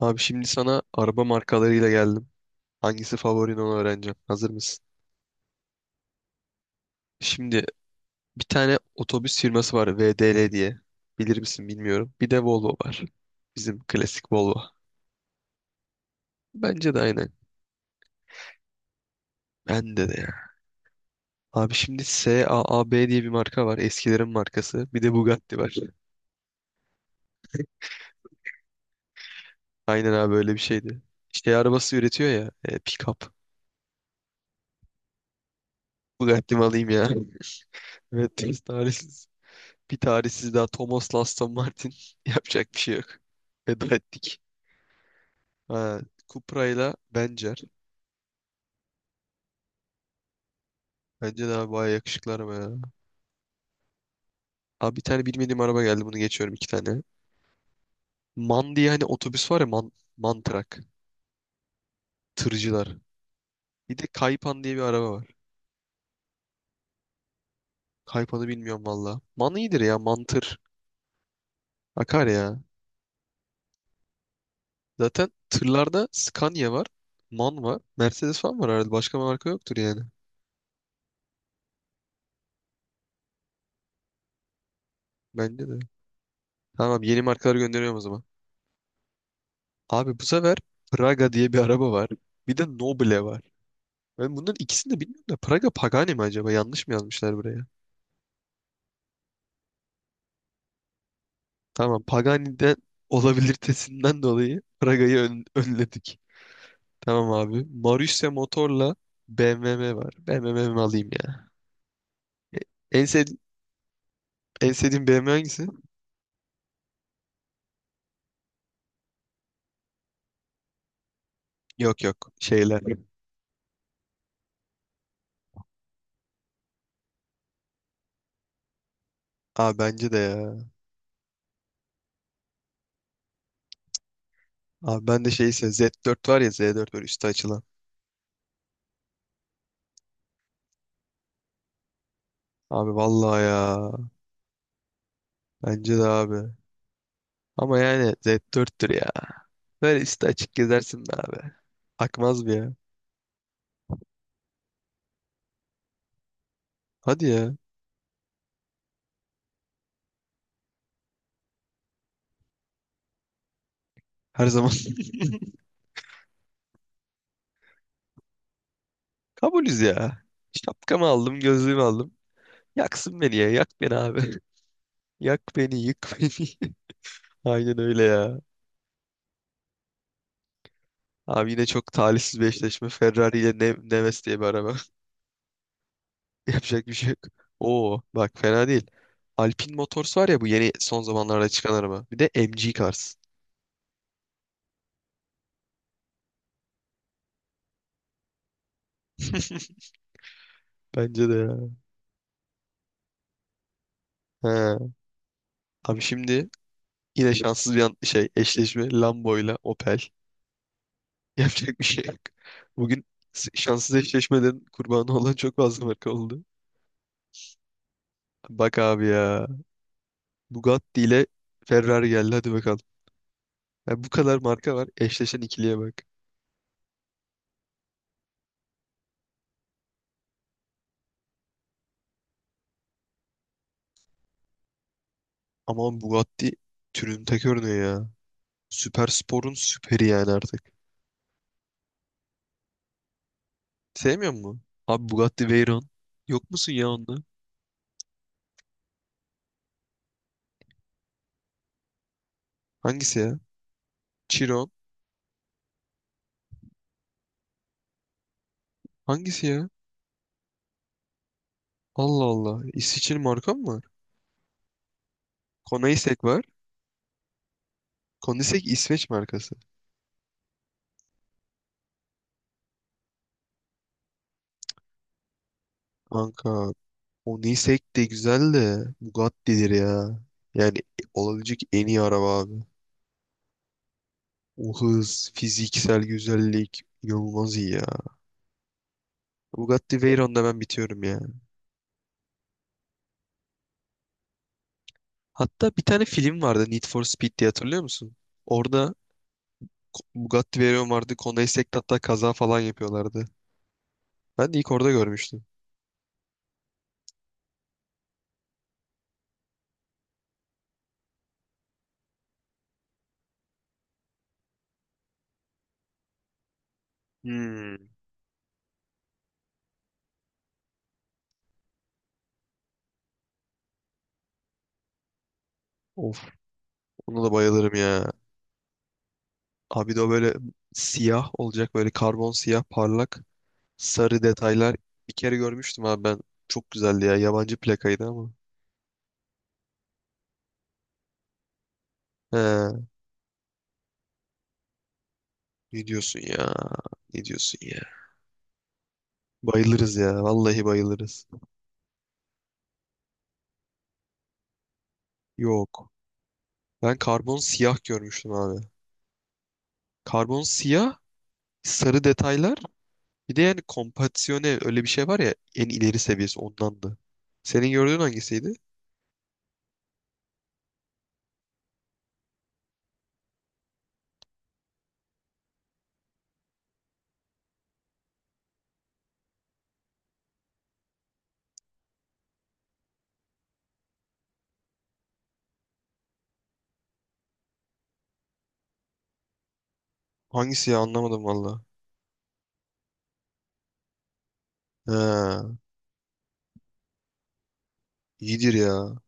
Abi şimdi sana araba markalarıyla geldim. Hangisi favorin onu öğreneceğim. Hazır mısın? Şimdi bir tane otobüs firması var VDL diye. Bilir misin bilmiyorum. Bir de Volvo var. Bizim klasik Volvo. Bence de aynen. Bende de ya. Abi şimdi S A A B diye bir marka var. Eskilerin markası. Bir de Bugatti var. Aynen abi öyle bir şeydi. Şey arabası üretiyor ya. Pick-up. Bugatti mi alayım ya? Evet tarihsiz. Bir tarihsiz daha Thomas'la Aston Martin. Yapacak bir şey yok. Veda ettik. Ha, Cupra ile Benzer. Bence de abi bayağı yakışıklı araba ya. Abi bir tane bilmediğim araba geldi. Bunu geçiyorum iki tane. Man diye hani otobüs var ya man, man truck. Tırcılar. Bir de Kaypan diye bir araba var. Kaypan'ı bilmiyorum valla. Man iyidir ya. Mantır. Akar ya. Zaten tırlarda Scania var. Man var. Mercedes falan var herhalde. Başka marka yoktur yani. Bence de. Tamam, yeni markaları gönderiyorum o zaman. Abi bu sefer Praga diye bir araba var. Bir de Noble var. Ben bunların ikisini de bilmiyorum da Praga Pagani mi acaba? Yanlış mı yazmışlar buraya? Tamam, Pagani'den olabilitesinden dolayı Praga'yı önledik. Tamam abi. Marussia Motor'la BMW var. BMW mi alayım ya? E, En, sev en sevdiğin BMW hangisi? Yok yok şeyler. Abi bence de ya. Abi ben de şeyse Z4 var ya, Z4 böyle üstü açılan. Abi vallahi ya. Bence de abi. Ama yani Z4'tür ya. Böyle üstü açık gezersin be abi. Akmaz bir ya. Hadi ya. Her zaman kabulüz ya. Şapkamı aldım, gözlüğümü aldım. Yaksın beni ya, yak beni abi. Yak beni, yık beni. Aynen öyle ya. Abi yine çok talihsiz bir eşleşme. Ferrari ile Neves diye bir araba. Yapacak bir şey yok. Oo, bak fena değil. Alpine Motors var ya, bu yeni son zamanlarda çıkan araba. Bir de MG Cars. Bence de ya. He. Abi şimdi yine şanssız bir şey eşleşme, Lambo ile Opel. Yapacak bir şey yok. Bugün şanssız eşleşmelerin kurbanı olan çok fazla marka oldu. Bak abi ya. Bugatti ile Ferrari geldi, hadi bakalım. Ya bu kadar marka var. Eşleşen ikiliye bak. Aman Bugatti türünün tek örneği ya. Süper sporun süperi yani artık. Sevmiyor musun? Abi Bugatti Veyron. Yok musun ya onda? Hangisi ya? Chiron. Hangisi ya? Allah Allah. İsviçre'nin marka mı var? Koenigsegg var. Koenigsegg İsveç markası. Kanka, Koenigsegg de güzel de Bugatti'dir ya. Yani olabilecek en iyi araba abi. O hız, fiziksel güzellik inanılmaz iyi ya. Bugatti Veyron'da ben bitiyorum ya. Hatta bir tane film vardı, Need for Speed diye, hatırlıyor musun? Orada Bugatti Veyron vardı. Honda Essaec'te hatta kaza falan yapıyorlardı. Ben de ilk orada görmüştüm. Hmm. Of, ona da bayılırım ya. Abi de o böyle siyah olacak, böyle karbon siyah, parlak sarı detaylar. Bir kere görmüştüm abi ben. Çok güzeldi ya. Yabancı plakaydı ama. He, ne diyorsun ya? Ne diyorsun ya? Bayılırız ya. Vallahi bayılırız. Yok. Ben karbon siyah görmüştüm abi. Karbon siyah, sarı detaylar. Bir de yani kompansiyone öyle bir şey var ya, en ileri seviyesi ondandı. Senin gördüğün hangisiydi? Hangisi ya, anlamadım valla. Ha, iyidir ya.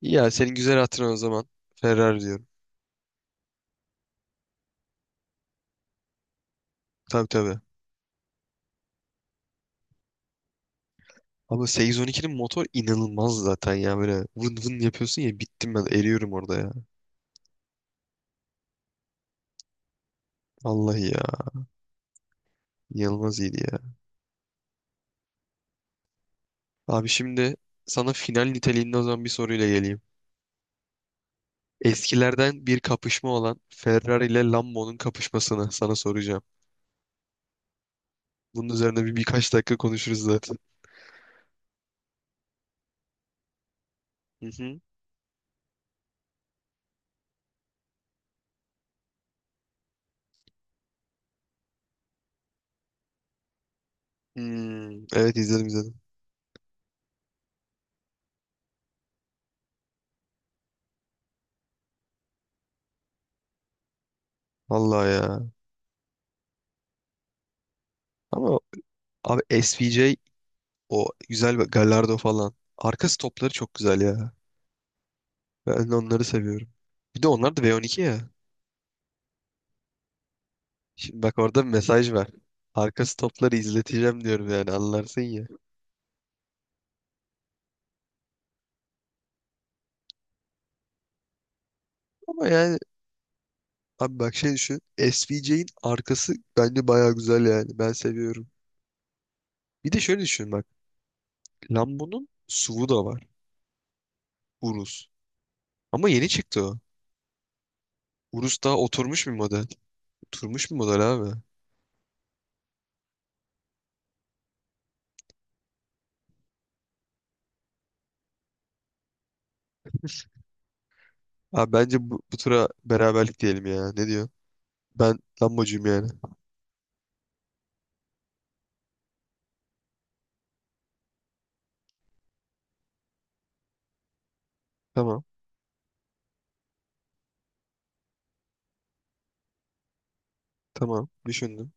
İyi ya, senin güzel hatırın o zaman. Ferrari diyorum. Tabii tabii. Abi ama 812'nin motor inanılmaz zaten ya, böyle vın vın yapıyorsun ya, bittim ben, eriyorum orada ya. Vallahi ya, inanılmaz iyiydi ya. Abi şimdi sana final niteliğinde o zaman bir soruyla geleyim. Eskilerden bir kapışma olan Ferrari ile Lambo'nun kapışmasını sana soracağım. Bunun üzerine birkaç dakika konuşuruz zaten. Hı hı. Hmm, evet, izledim izledim. Vallahi ya. Ama abi SVJ, o güzel bir Gallardo falan. Arka stopları çok güzel ya. Ben de onları seviyorum. Bir de onlar da V12 ya. Şimdi bak, orada bir mesaj var. Arka stopları izleteceğim diyorum yani, anlarsın ya. Ama yani abi bak, şey düşün. SVJ'in arkası bence baya güzel yani. Ben seviyorum. Bir de şöyle düşün bak. Lambo'nun SUV'u da var. Urus. Ama yeni çıktı o. Urus daha oturmuş bir model. Oturmuş bir model abi. Abi bence bu, tura beraberlik diyelim ya. Ne diyor? Ben Lambocuyum yani. Tamam. Tamam. Düşündüm.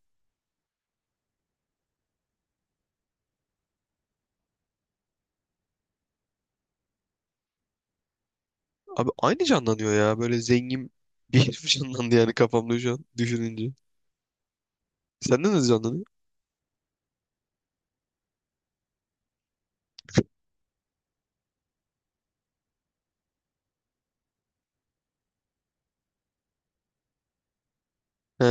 Abi aynı canlanıyor ya. Böyle zengin bir herif canlandı yani kafamda şu an düşününce. Senden hızlı anladın. He,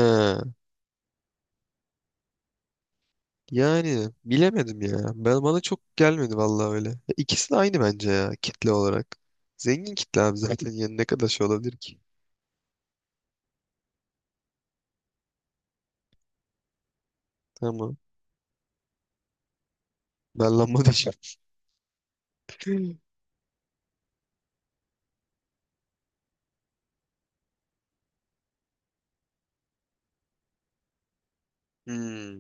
yani bilemedim ya. Ben bana çok gelmedi vallahi öyle. Ya, İkisi de aynı bence ya, kitle olarak. Zengin kitle abi zaten yani, ne kadar şey olabilir ki? Tamam. Ben lamba diyeceğim. Hmm,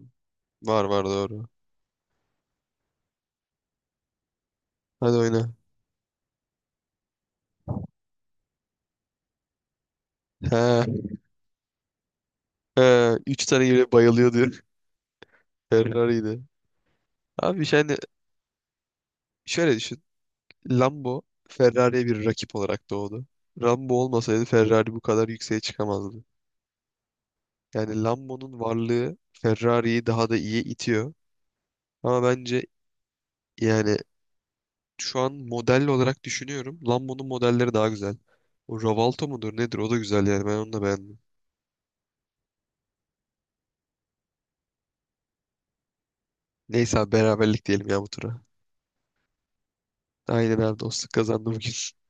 var var, doğru. Hadi oyna. He, he, üç tane yere bayılıyordu. Ferrari'ydi. Abi yani şöyle düşün. Lambo Ferrari'ye bir rakip olarak doğdu. Lambo olmasaydı Ferrari bu kadar yükseğe çıkamazdı. Yani Lambo'nun varlığı Ferrari'yi daha da iyi itiyor. Ama bence yani şu an model olarak düşünüyorum. Lambo'nun modelleri daha güzel. O Ravalto mudur nedir, o da güzel yani, ben onu da beğendim. Neyse abi, beraberlik diyelim ya bu tura. Aynen abi, dostluk kazandı bugün.